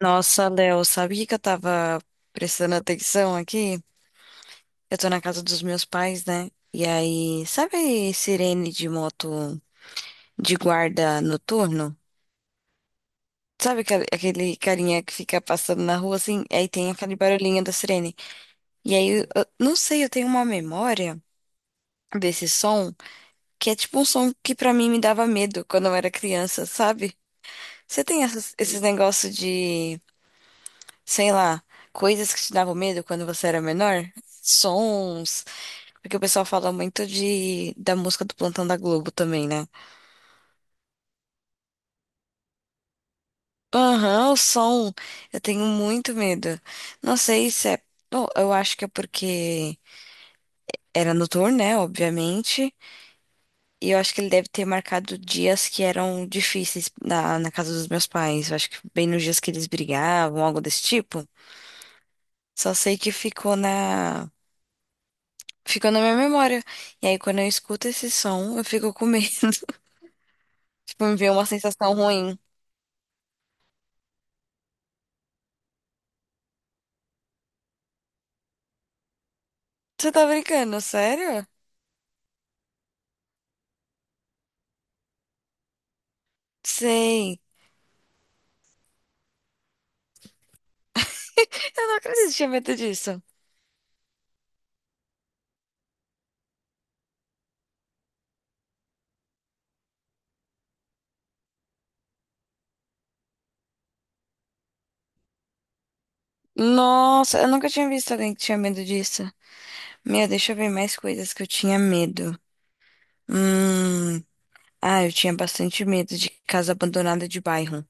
Nossa, Léo, sabia que eu tava prestando atenção aqui? Eu tô na casa dos meus pais, né? E aí, sabe sirene de moto de guarda noturno? Sabe aquele carinha que fica passando na rua assim? Aí tem aquele barulhinho da sirene. E aí, eu não sei, eu tenho uma memória desse som que é tipo um som que pra mim me dava medo quando eu era criança, sabe? Você tem esses negócios de, sei lá, coisas que te davam medo quando você era menor? Sons. Porque o pessoal fala muito de da música do Plantão da Globo também, né? Aham, o som. Eu tenho muito medo. Não sei se é. Bom, eu acho que é porque era noturno, né? Obviamente. E eu acho que ele deve ter marcado dias que eram difíceis na casa dos meus pais. Eu acho que bem nos dias que eles brigavam, algo desse tipo. Só sei que ficou na. Ficou na minha memória. E aí, quando eu escuto esse som, eu fico com medo. Tipo, me vê uma sensação ruim. Você tá brincando, sério? Sei. Eu não acredito que tinha medo disso. Nossa, eu nunca tinha visto alguém que tinha medo disso. Meu, deixa eu ver mais coisas que eu tinha medo. Hum. Ah, eu tinha bastante medo de casa abandonada de bairro.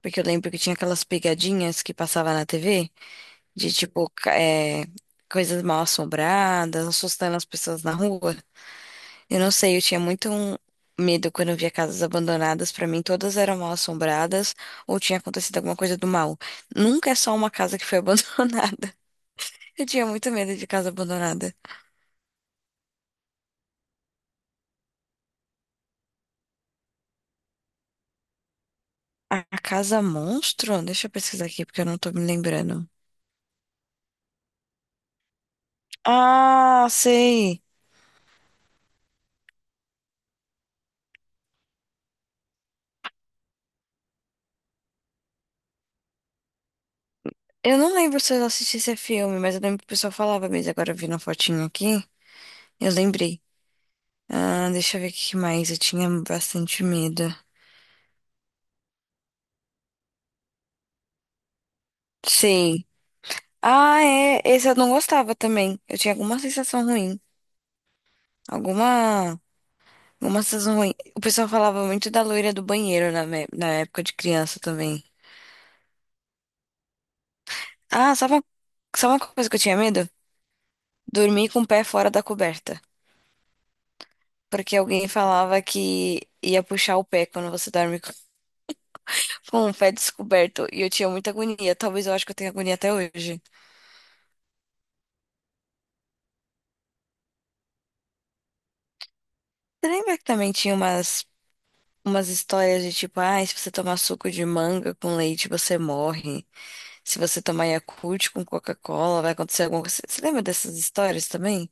Porque eu lembro que tinha aquelas pegadinhas que passava na TV de tipo, coisas mal assombradas, assustando as pessoas na rua. Eu não sei, eu tinha muito um medo quando eu via casas abandonadas. Pra mim, todas eram mal assombradas ou tinha acontecido alguma coisa do mal. Nunca é só uma casa que foi abandonada. Eu tinha muito medo de casa abandonada. A casa monstro? Deixa eu pesquisar aqui porque eu não tô me lembrando. Ah, sei. Eu não lembro se eu assisti esse filme, mas eu lembro que o pessoal falava mesmo. Agora eu vi na fotinho aqui, eu lembrei. Ah, deixa eu ver o que mais. Eu tinha bastante medo. Sim. Ah, é. Esse eu não gostava também. Eu tinha alguma sensação ruim. Alguma. Alguma sensação ruim. O pessoal falava muito da loira do banheiro na época de criança também. Ah, sabe uma coisa que eu tinha medo? Dormir com o pé fora da coberta. Porque alguém falava que ia puxar o pé quando você dorme com com o pé descoberto. E eu tinha muita agonia. Talvez eu acho que eu tenha agonia até hoje. Você lembra que também tinha umas. Umas histórias de tipo, ah, se você tomar suco de manga com leite, você morre. Se você tomar Yakult com Coca-Cola, vai acontecer alguma coisa. Você lembra dessas histórias também?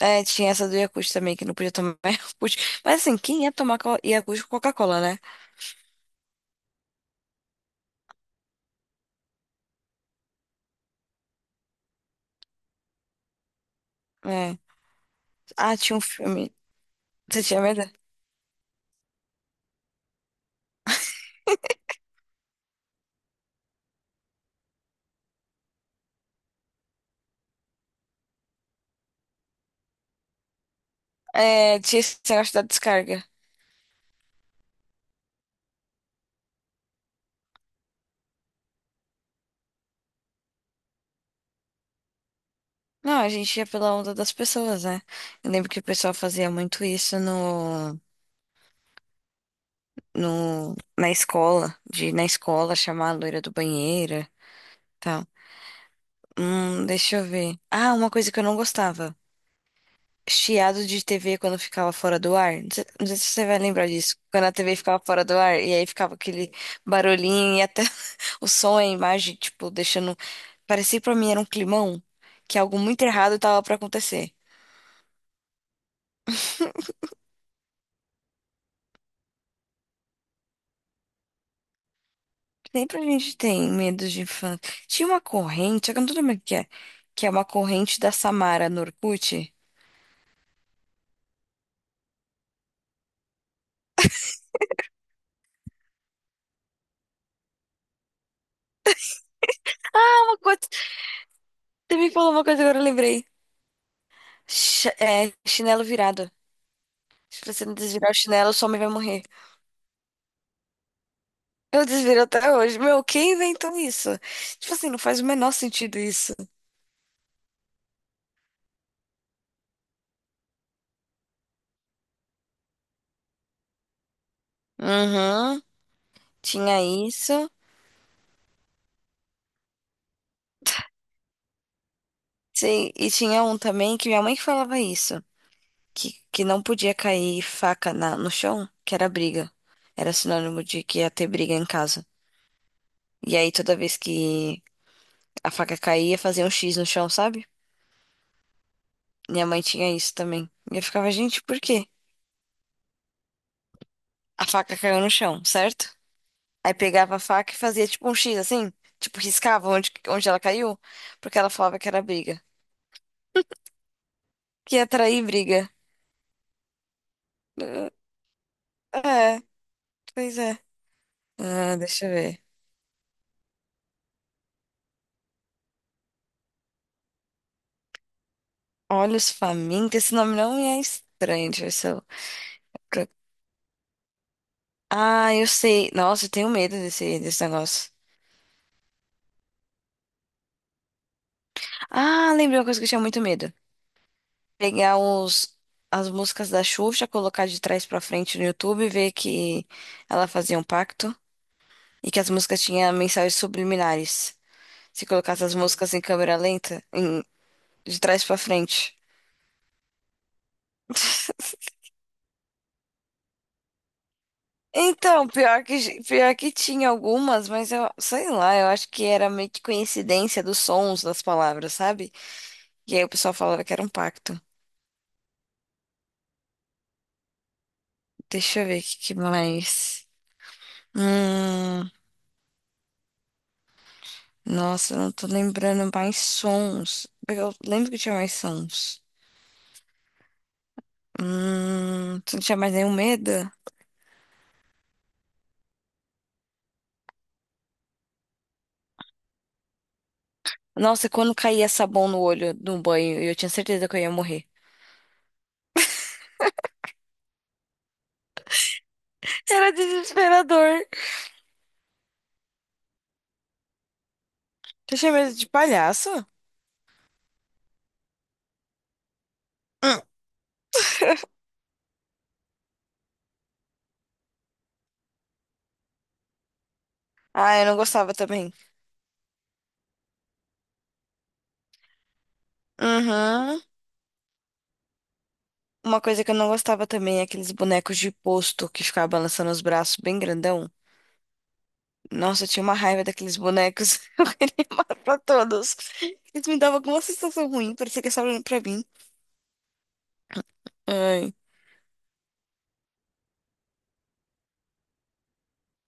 É, tinha essa do Yakult também, que não podia tomar Yakult. Mas assim, quem ia tomar Yakult com Coca-Cola, né? É. Ah, tinha um filme. Você tinha medo? É, tinha esse negócio da descarga. Não, a gente ia pela onda das pessoas, né? Eu lembro que o pessoal fazia muito isso no, no, na escola, de ir na escola chamar a loira do banheiro, tal. Deixa eu ver. Ah, uma coisa que eu não gostava. Chiado de TV quando ficava fora do ar. Não sei, não sei se você vai lembrar disso. Quando a TV ficava fora do ar e aí ficava aquele barulhinho e até o som, a imagem, tipo, deixando. Parecia pra mim era um climão, que algo muito errado tava pra acontecer. Sempre a gente tem medo de infância. Tinha uma corrente, só que eu não tô lembrando o que é uma corrente da Samara no Orkut. Ah, uma coisa, você me falou uma coisa agora, eu lembrei. Chinelo virado. Se você não desvirar o chinelo, sua mãe vai morrer. Eu desviro até hoje. Meu, quem inventou isso? Tipo assim, não faz o menor sentido isso. Uhum, tinha isso. Sim, e tinha um também que minha mãe que falava isso. Que não podia cair faca no chão, que era briga. Era sinônimo de que ia ter briga em casa. E aí toda vez que a faca caía, fazia um X no chão, sabe? Minha mãe tinha isso também. E eu ficava, gente, por quê? A faca caiu no chão, certo? Aí pegava a faca e fazia tipo um X assim, tipo riscava onde, onde ela caiu, porque ela falava que era briga. Que ia atrair briga. É, pois é. Ah, deixa eu ver. Olhos famintos, esse nome não me é estranho, deixa eu ver se eu... pro- Ah, eu sei. Nossa, eu tenho medo desse, desse negócio. Ah, lembrei uma coisa que eu tinha muito medo. Pegar os, as músicas da Xuxa, colocar de trás pra frente no YouTube e ver que ela fazia um pacto e que as músicas tinham mensagens subliminares. Se colocasse as músicas em câmera lenta, de trás pra frente. Então, pior que tinha algumas, mas eu sei lá, eu acho que era meio que coincidência dos sons das palavras, sabe? E aí o pessoal falava que era um pacto. Deixa eu ver que mais. Hum, nossa, eu não tô lembrando mais sons. Eu lembro que tinha mais sons. Você não tinha mais nenhum medo? Nossa, quando caía sabão no olho no banho, eu tinha certeza que eu ia morrer. Era desesperador. Tu tinha medo de palhaço? Hum. Ah, eu não gostava também. Uhum. Uma coisa que eu não gostava também é aqueles bonecos de posto que ficava balançando os braços bem grandão. Nossa, eu tinha uma raiva daqueles bonecos. Eu queria matar pra todos. Eles me davam alguma sensação ruim, parecia que eles estavam olhando pra mim. Ai.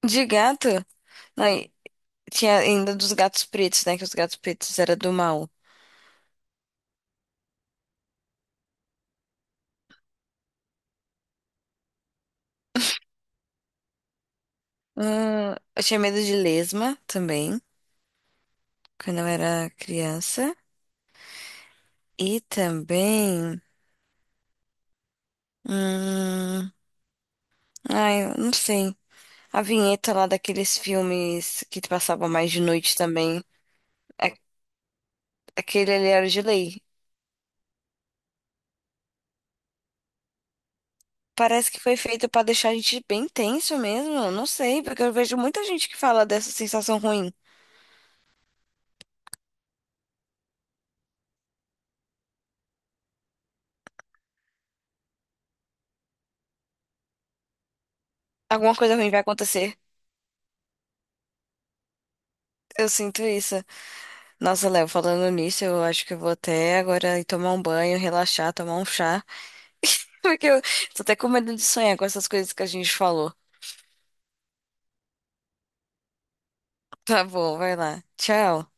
De gato? Ai, tinha ainda dos gatos pretos, né? Que os gatos pretos eram do mal. Eu tinha medo de lesma também, quando eu era criança. E também. hum, Ai, eu não sei. A vinheta lá daqueles filmes que passavam mais de noite também. a- Aquele ali era de lei. Parece que foi feito pra deixar a gente bem tenso mesmo. Eu não sei, porque eu vejo muita gente que fala dessa sensação ruim. Alguma coisa ruim vai acontecer. Eu sinto isso. Nossa, Léo, falando nisso, eu acho que eu vou até agora ir tomar um banho, relaxar, tomar um chá. Porque eu tô até com medo de sonhar com essas coisas que a gente falou. Tá bom, vai lá. Tchau.